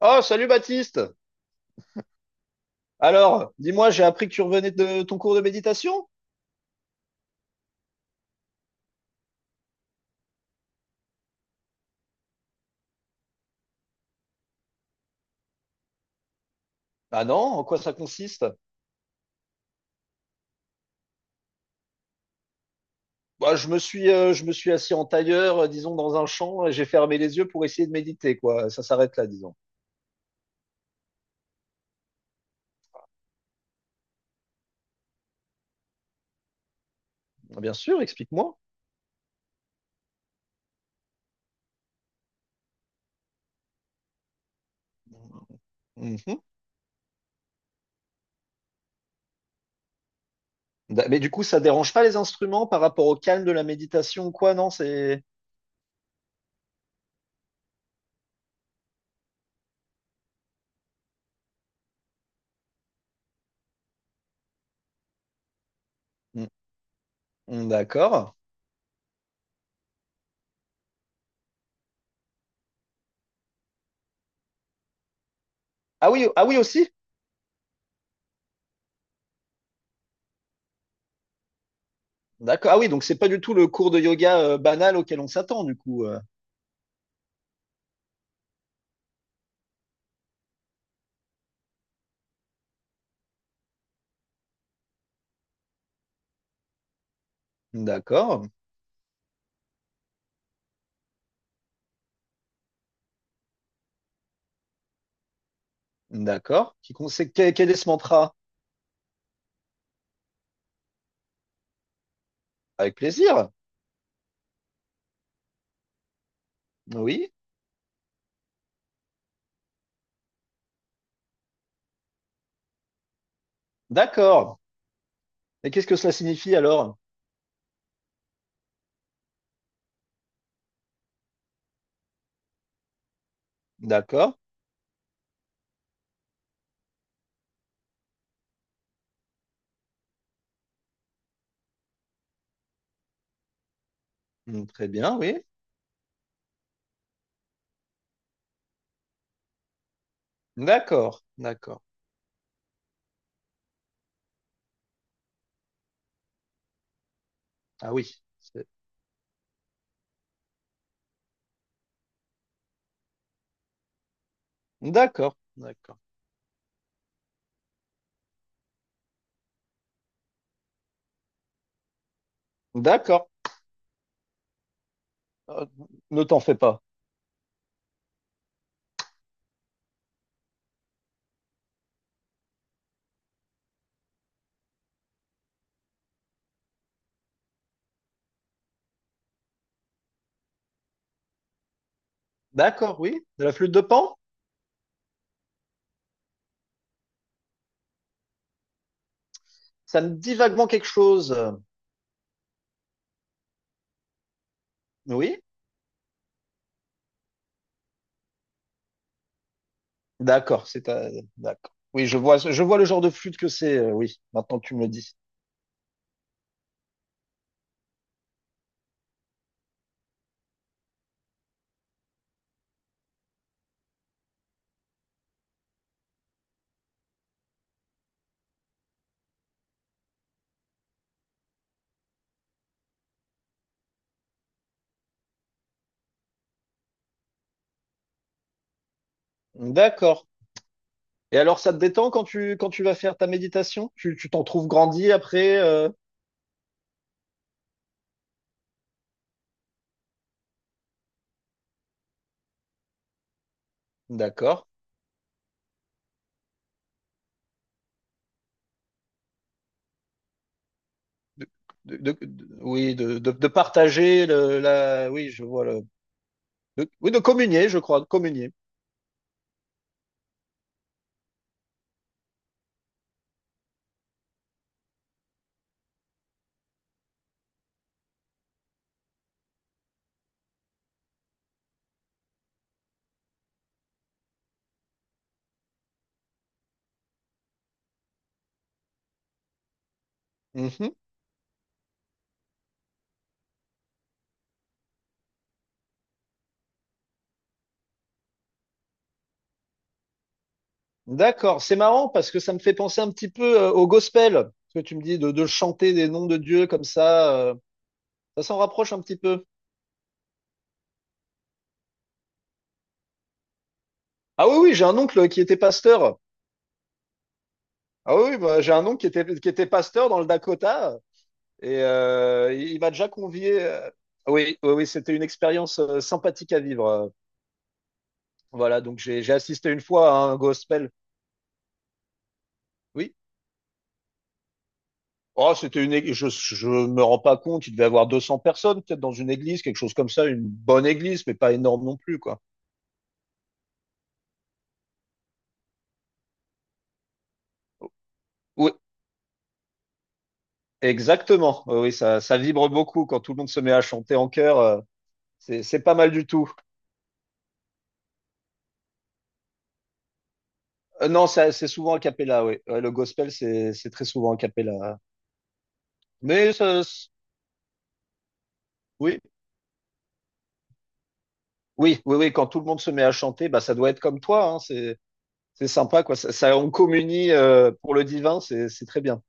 Oh, salut Baptiste! Alors, dis-moi, j'ai appris que tu revenais de ton cours de méditation? Ah non, en quoi ça consiste? Bah, je me suis assis en tailleur, disons, dans un champ, et j'ai fermé les yeux pour essayer de méditer, quoi. Ça s'arrête là, disons. Ah, bien sûr, explique-moi. Mhm. Mais du coup, ça dérange pas les instruments par rapport au calme de la méditation ou quoi, non? C'est… Mm, mm, d'accord. Ah oui, ah oui aussi? D'accord. Ah oui, donc c'est pas du tout le cours de yoga, banal auquel on s'attend, du coup. D'accord. D'accord. Qui, quel est ce mantra? Avec plaisir. Oui. D'accord. Et qu'est-ce que cela signifie alors? D'accord. Hmm, très bien, oui. D'accord. D'accord. Ah oui. D'accord. D'accord. D'accord. Euh, ne t'en fais pas. D'accord, oui. De la flûte de Pan? Ça me dit vaguement quelque chose. Oui. D'accord. D'accord. Oui, je vois le genre de flûte que c'est. Oui. Maintenant que tu me le dis. D'accord. Et alors, ça te détend quand tu vas faire ta méditation? Tu t'en trouves grandi après? D'accord. De, oui, de partager oui, je vois le, de- oui, de communier, je crois, de communier. Mhm. D'accord. C'est marrant parce que ça me fait penser un petit peu au gospel. Ce que tu me dis de chanter des noms de Dieu comme ça, ça s'en rapproche un petit peu. Ah oui, oui, j'ai un oncle qui était pasteur. Ah oui, oui, bah, j'ai un oncle qui était pasteur dans le Dakota. Et il m'a déjà convié. Oui, oui, oui, c'était une expérience sympathique à vivre. Voilà, donc j'ai assisté une fois à un gospel. Oui. Oh, c'était une. Je me rends pas compte. Il devait y avoir 200 personnes peut-être dans une église, quelque chose comme ça, une bonne église, mais pas énorme non plus, quoi. Oui, exactement. Oui, oui, ça vibre beaucoup quand tout le monde se met à chanter en chœur. C'est pas mal du tout. Non, c'est souvent a cappella. Oui, ouais, le gospel c'est très souvent a cappella. Mais ça, Oui, oui, oui, quand tout le monde se met à chanter, bah, ça doit être comme toi, hein, c'est sympa, quoi. On communie pour le divin, c'est très bien.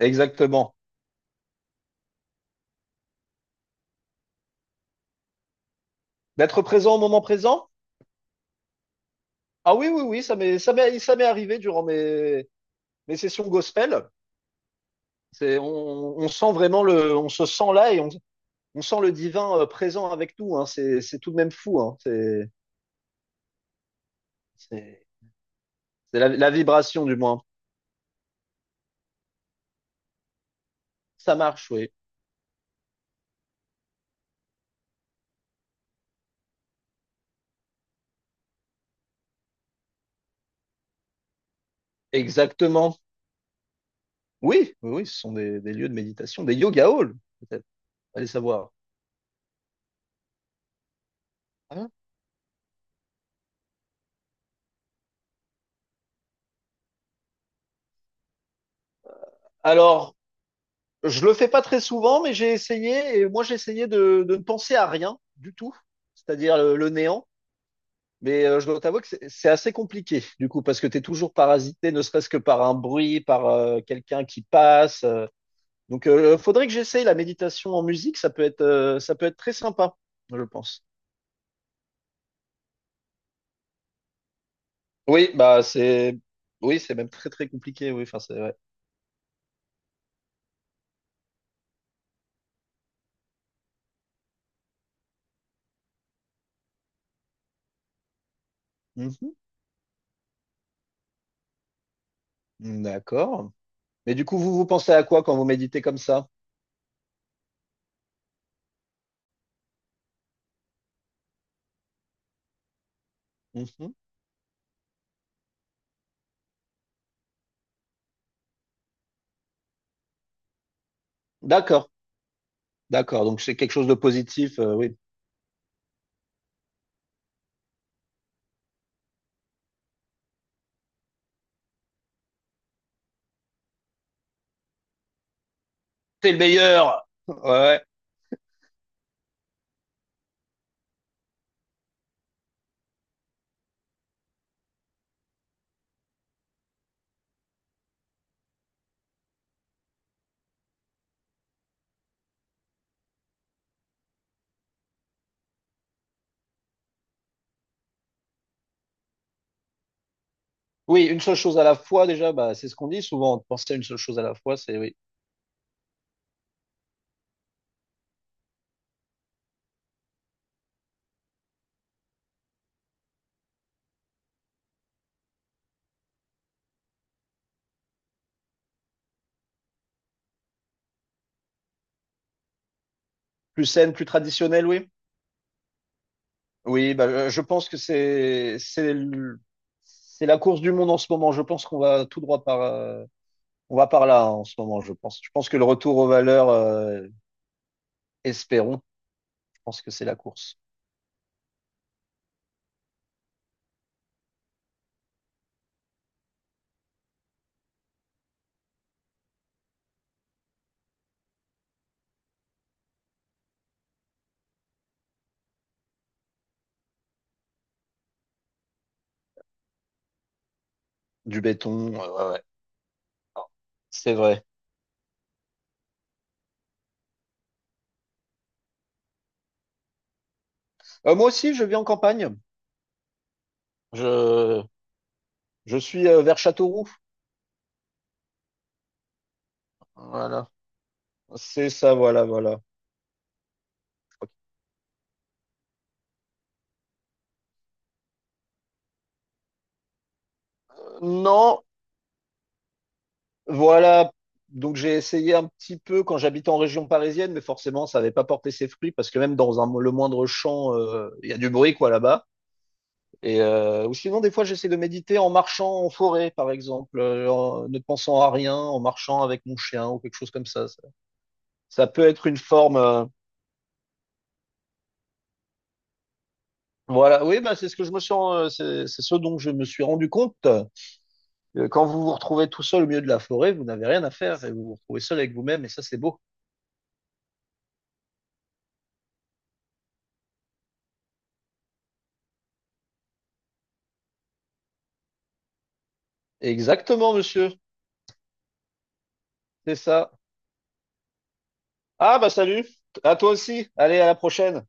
Exactement. D'être présent au moment présent? Ah oui, oui, oui, ça m'est arrivé durant mes, mes sessions gospel. C'est, on sent vraiment le, on se sent là et on sent le divin présent avec nous, hein. C'est tout de même fou, hein. C'est, c'est la, la vibration, du moins. Ça marche, oui. Exactement. Oui, oui, oui, ce sont des lieux de méditation, des yoga halls, peut-être. Allez savoir. Hein. Alors, je le fais pas très souvent, mais j'ai essayé, et moi j'ai essayé de ne penser à rien du tout, c'est-à-dire le néant. Mais je dois t'avouer que c'est assez compliqué, du coup, parce que tu es toujours parasité, ne serait-ce que par un bruit, par quelqu'un qui passe. Donc, faudrait que j'essaye la méditation en musique, ça peut être très sympa, je pense. Oui, oui, c'est même très très compliqué, oui, enfin c'est vrai. Mhm. D'accord. Mais du coup, vous pensez à quoi quand vous méditez comme ça? Mhm. D'accord. D'accord, donc c'est quelque chose de positif, oui. T'es le meilleur! Ouais. Oui, une seule chose à la fois, déjà, bah, c'est ce qu'on dit souvent, de penser à une seule chose à la fois, c'est oui. Plus saine, plus traditionnelle, oui. Oui, bah, je pense que c'est c'est la course du monde en ce moment. Je pense qu'on va tout droit par on va par là hein, en ce moment, je pense. Je pense que le retour aux valeurs, espérons, je pense que c'est la course. Du béton, ouais, ouais. Ah, c'est vrai. Moi aussi, je vis en campagne. Je, je suis vers Châteauroux. Voilà. C'est ça, voilà, voilà. Non, voilà. Donc j'ai essayé un petit peu quand j'habitais en région parisienne, mais forcément ça n'avait pas porté ses fruits parce que même dans un, le moindre champ, il y a du bruit quoi là-bas. Et ou sinon des fois j'essaie de méditer en marchant en forêt par exemple, en ne pensant à rien, en marchant avec mon chien ou quelque chose comme ça. Ça peut être une forme. Voilà, oui, c'est ce que je me suis, c'est ce dont je me suis rendu compte. Quand vous vous retrouvez tout seul au milieu de la forêt, vous n'avez rien à faire et vous vous retrouvez seul avec vous-même et ça c'est beau. Exactement, monsieur. C'est ça. Ah, bah salut. À toi aussi. Allez, à la prochaine.